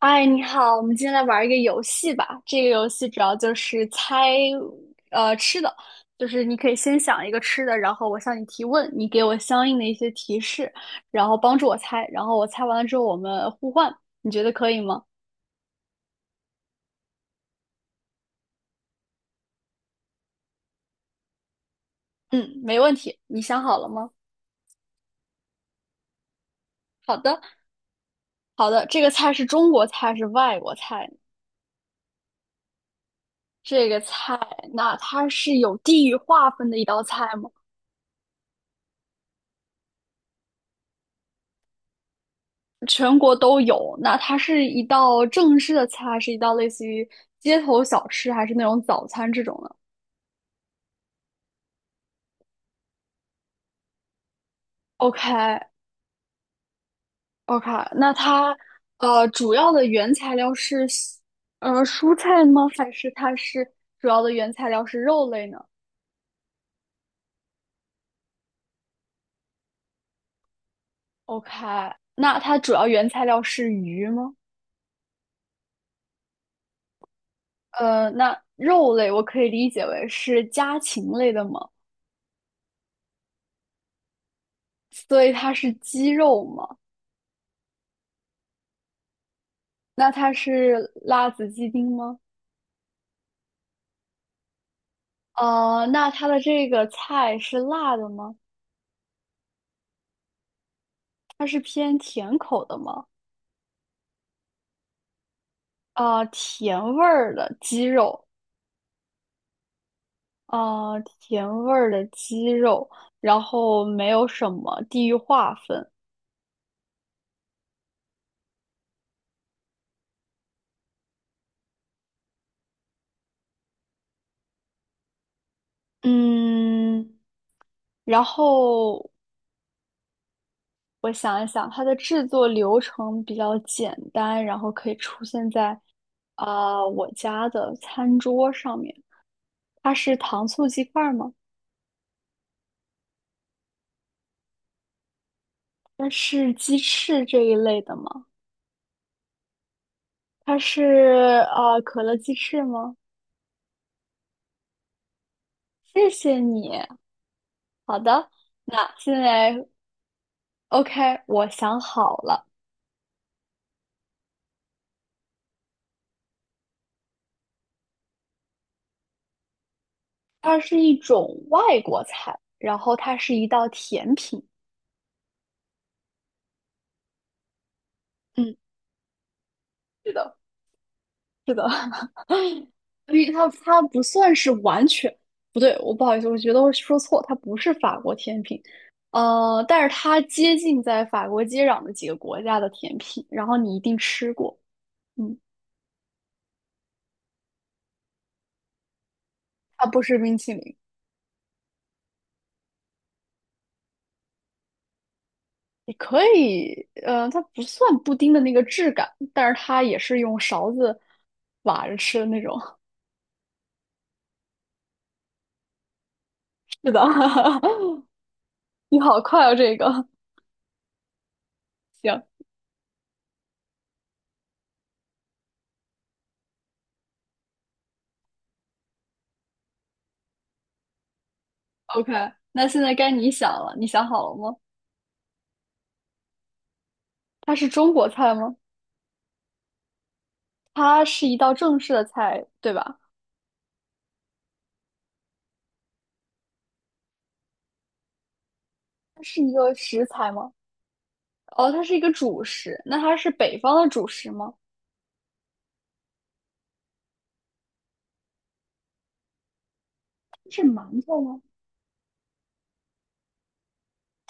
哎，你好，我们今天来玩一个游戏吧。这个游戏主要就是猜，吃的，就是你可以先想一个吃的，然后我向你提问，你给我相应的一些提示，然后帮助我猜，然后我猜完了之后我们互换，你觉得可以吗？嗯，没问题。你想好了吗？好的，好的。这个菜是中国菜，是外国菜？这个菜，那它是有地域划分的一道菜吗？全国都有。那它是一道正式的菜，还是一道类似于街头小吃，还是那种早餐这种呢？OK OK，那它主要的原材料是蔬菜吗？还是它是主要的原材料是肉类呢？OK，那它主要原材料是鱼吗？呃，那肉类我可以理解为是家禽类的吗？所以它是鸡肉吗？那它是辣子鸡丁吗？呃，那它的这个菜是辣的吗？它是偏甜口的吗？啊，甜味儿的鸡肉，啊，甜味儿的鸡肉，然后没有什么地域划分。嗯，然后我想一想，它的制作流程比较简单，然后可以出现在啊、我家的餐桌上面。它是糖醋鸡块儿吗？它是鸡翅这一类的吗？它是可乐鸡翅吗？谢谢你。好的，那现在 OK，我想好了，它是一种外国菜，然后它是一道甜品。嗯，是的，是的，因为它不算是完全不对，我不好意思，我觉得我说错，它不是法国甜品，呃，但是它接近在法国接壤的几个国家的甜品，然后你一定吃过，嗯，它不是冰淇淋。也可以，呃，它不算布丁的那个质感，但是它也是用勺子挖着吃的那种。是的，你好快哦，这个行，OK。那现在该你想了，你想好了吗？它是中国菜吗？它是一道正式的菜，对吧？它是一个食材吗？哦，它是一个主食。那它是北方的主食吗？是馒头吗？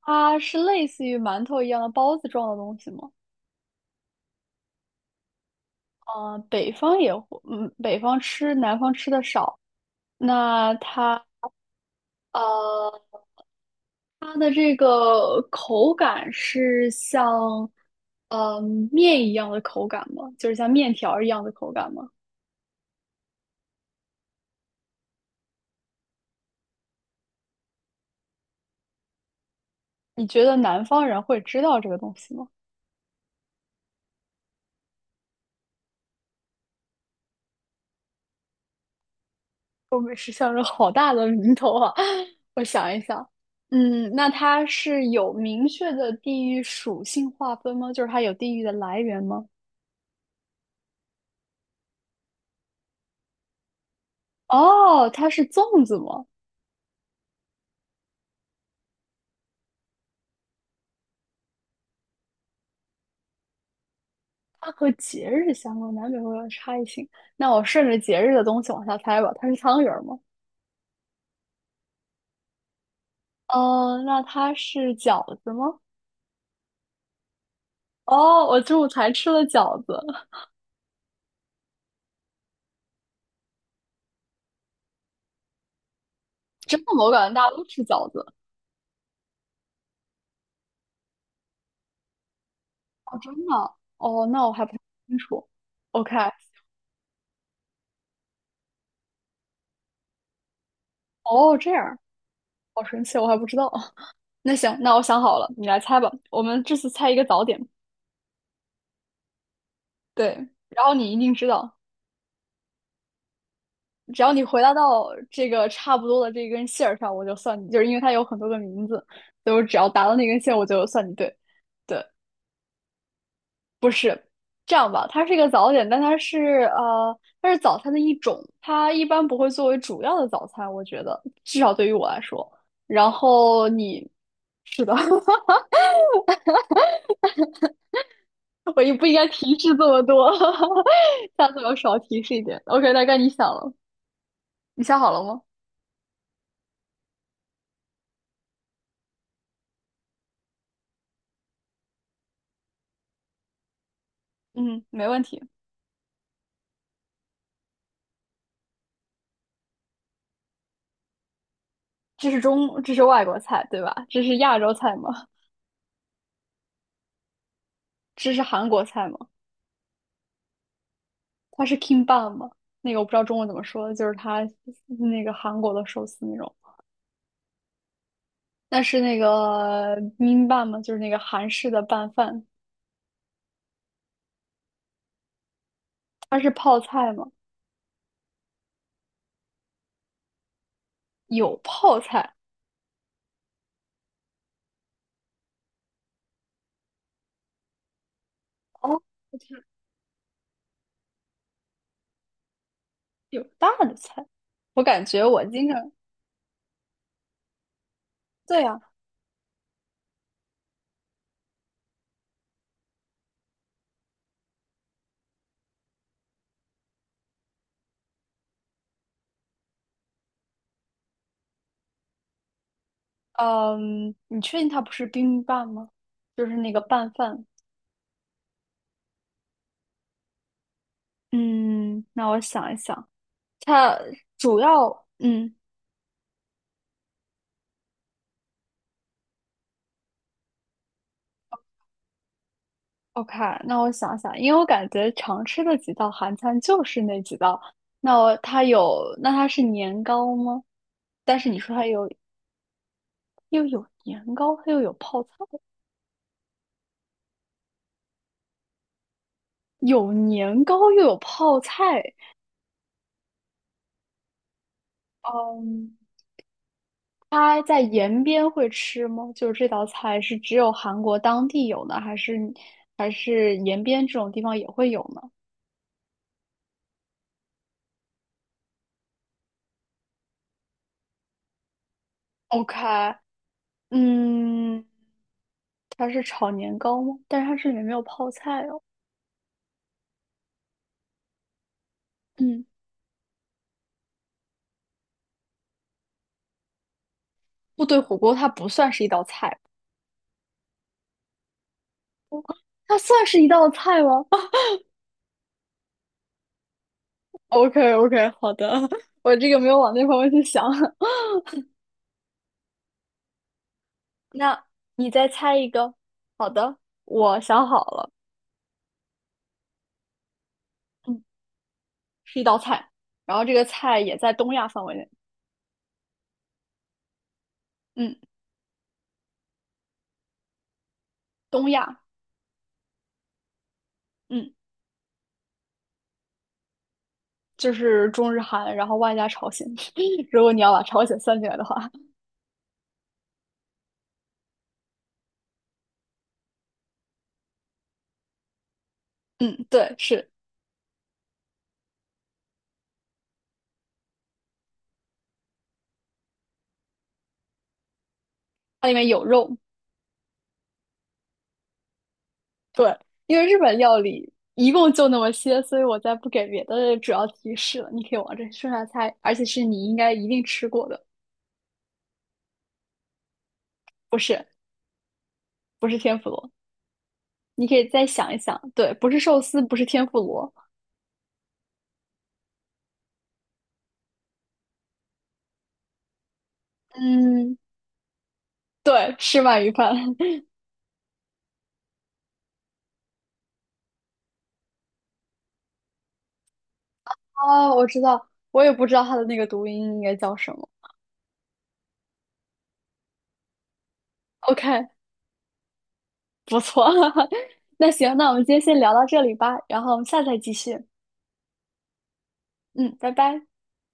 它是类似于馒头一样的包子状的东西吗？北方也会，嗯，北方吃，南方吃的少。那它呃，它的这个口感是像呃面一样的口感吗？就是像面条儿一样的口感吗？你觉得南方人会知道这个东西吗？东北是像是好大的名头啊！我想一想，嗯，那它是有明确的地域属性划分吗？就是它有地域的来源吗？哦，它是粽子吗？它和节日相关，难免会有差异性。那我顺着节日的东西往下猜吧，它是汤圆儿吗？哦，那它是饺子吗？哦，我中午才吃了饺子，真的吗？我感觉大家都吃饺子。哦，真的啊哦，那我还不太清楚。OK，哦，这样，好神奇，我还不知道。那行，那我想好了，你来猜吧。我们这次猜一个早点，对，然后你一定知道。只要你回答到这个差不多的这根线上，我就算你，就是因为它有很多个名字，所以我只要答到那根线，我就算你对。对，这样吧，它是一个早点，但它是它是早餐的一种，它一般不会作为主要的早餐，我觉得至少对于我来说。然后你是的，我也不应该提示这么多，下次我少提示一点。OK，大概你想了，你想好了吗？嗯，没问题。这是中，这是外国菜，对吧？这是亚洲菜吗？这是韩国菜吗？它是 kimbap 吗？那个我不知道中文怎么说，就是它那个韩国的寿司那种。但是那个 b i b m b a p 嘛，就是那个韩式的拌饭，它是泡菜吗？有泡菜哦，就是有大的菜。我感觉我经常对呀、嗯，你确定它不是 b i i m b a p 吗？就是那个拌饭。嗯，那我想一想，它主要嗯。OK，那我想想，因为我感觉常吃的几道韩餐就是那几道。那我它有，那它是年糕吗？但是你说它有又有年糕，它又有泡菜，有年糕又有泡菜。嗯，它在延边会吃吗？就是这道菜是只有韩国当地有呢，还是还是延边这种地方也会有呢？OK，嗯，它是炒年糕吗？但是它这里面没有泡菜哦。嗯。部队火锅它不算是一道菜，它算是一道菜吗 ？OK OK，好的，我这个没有往那方面去想 那你再猜一个。好的，我想好了，嗯，是一道菜，然后这个菜也在东亚范围内，嗯，东亚，嗯，就是中日韩，然后外加朝鲜。如果你要把朝鲜算进来的话，嗯，对，是它里面有肉，对，因为日本料理一共就那么些，所以我再不给别的主要提示了。你可以往这顺下猜，而且是你应该一定吃过的，不是不是天妇罗。你可以再想一想，对，不是寿司，不是天妇罗，嗯，对，吃鳗鱼饭。哦，我知道，我也不知道它的那个读音应该叫什么。OK，不错，那行，那我们今天先聊到这里吧，然后我们下次再继续。嗯，拜拜。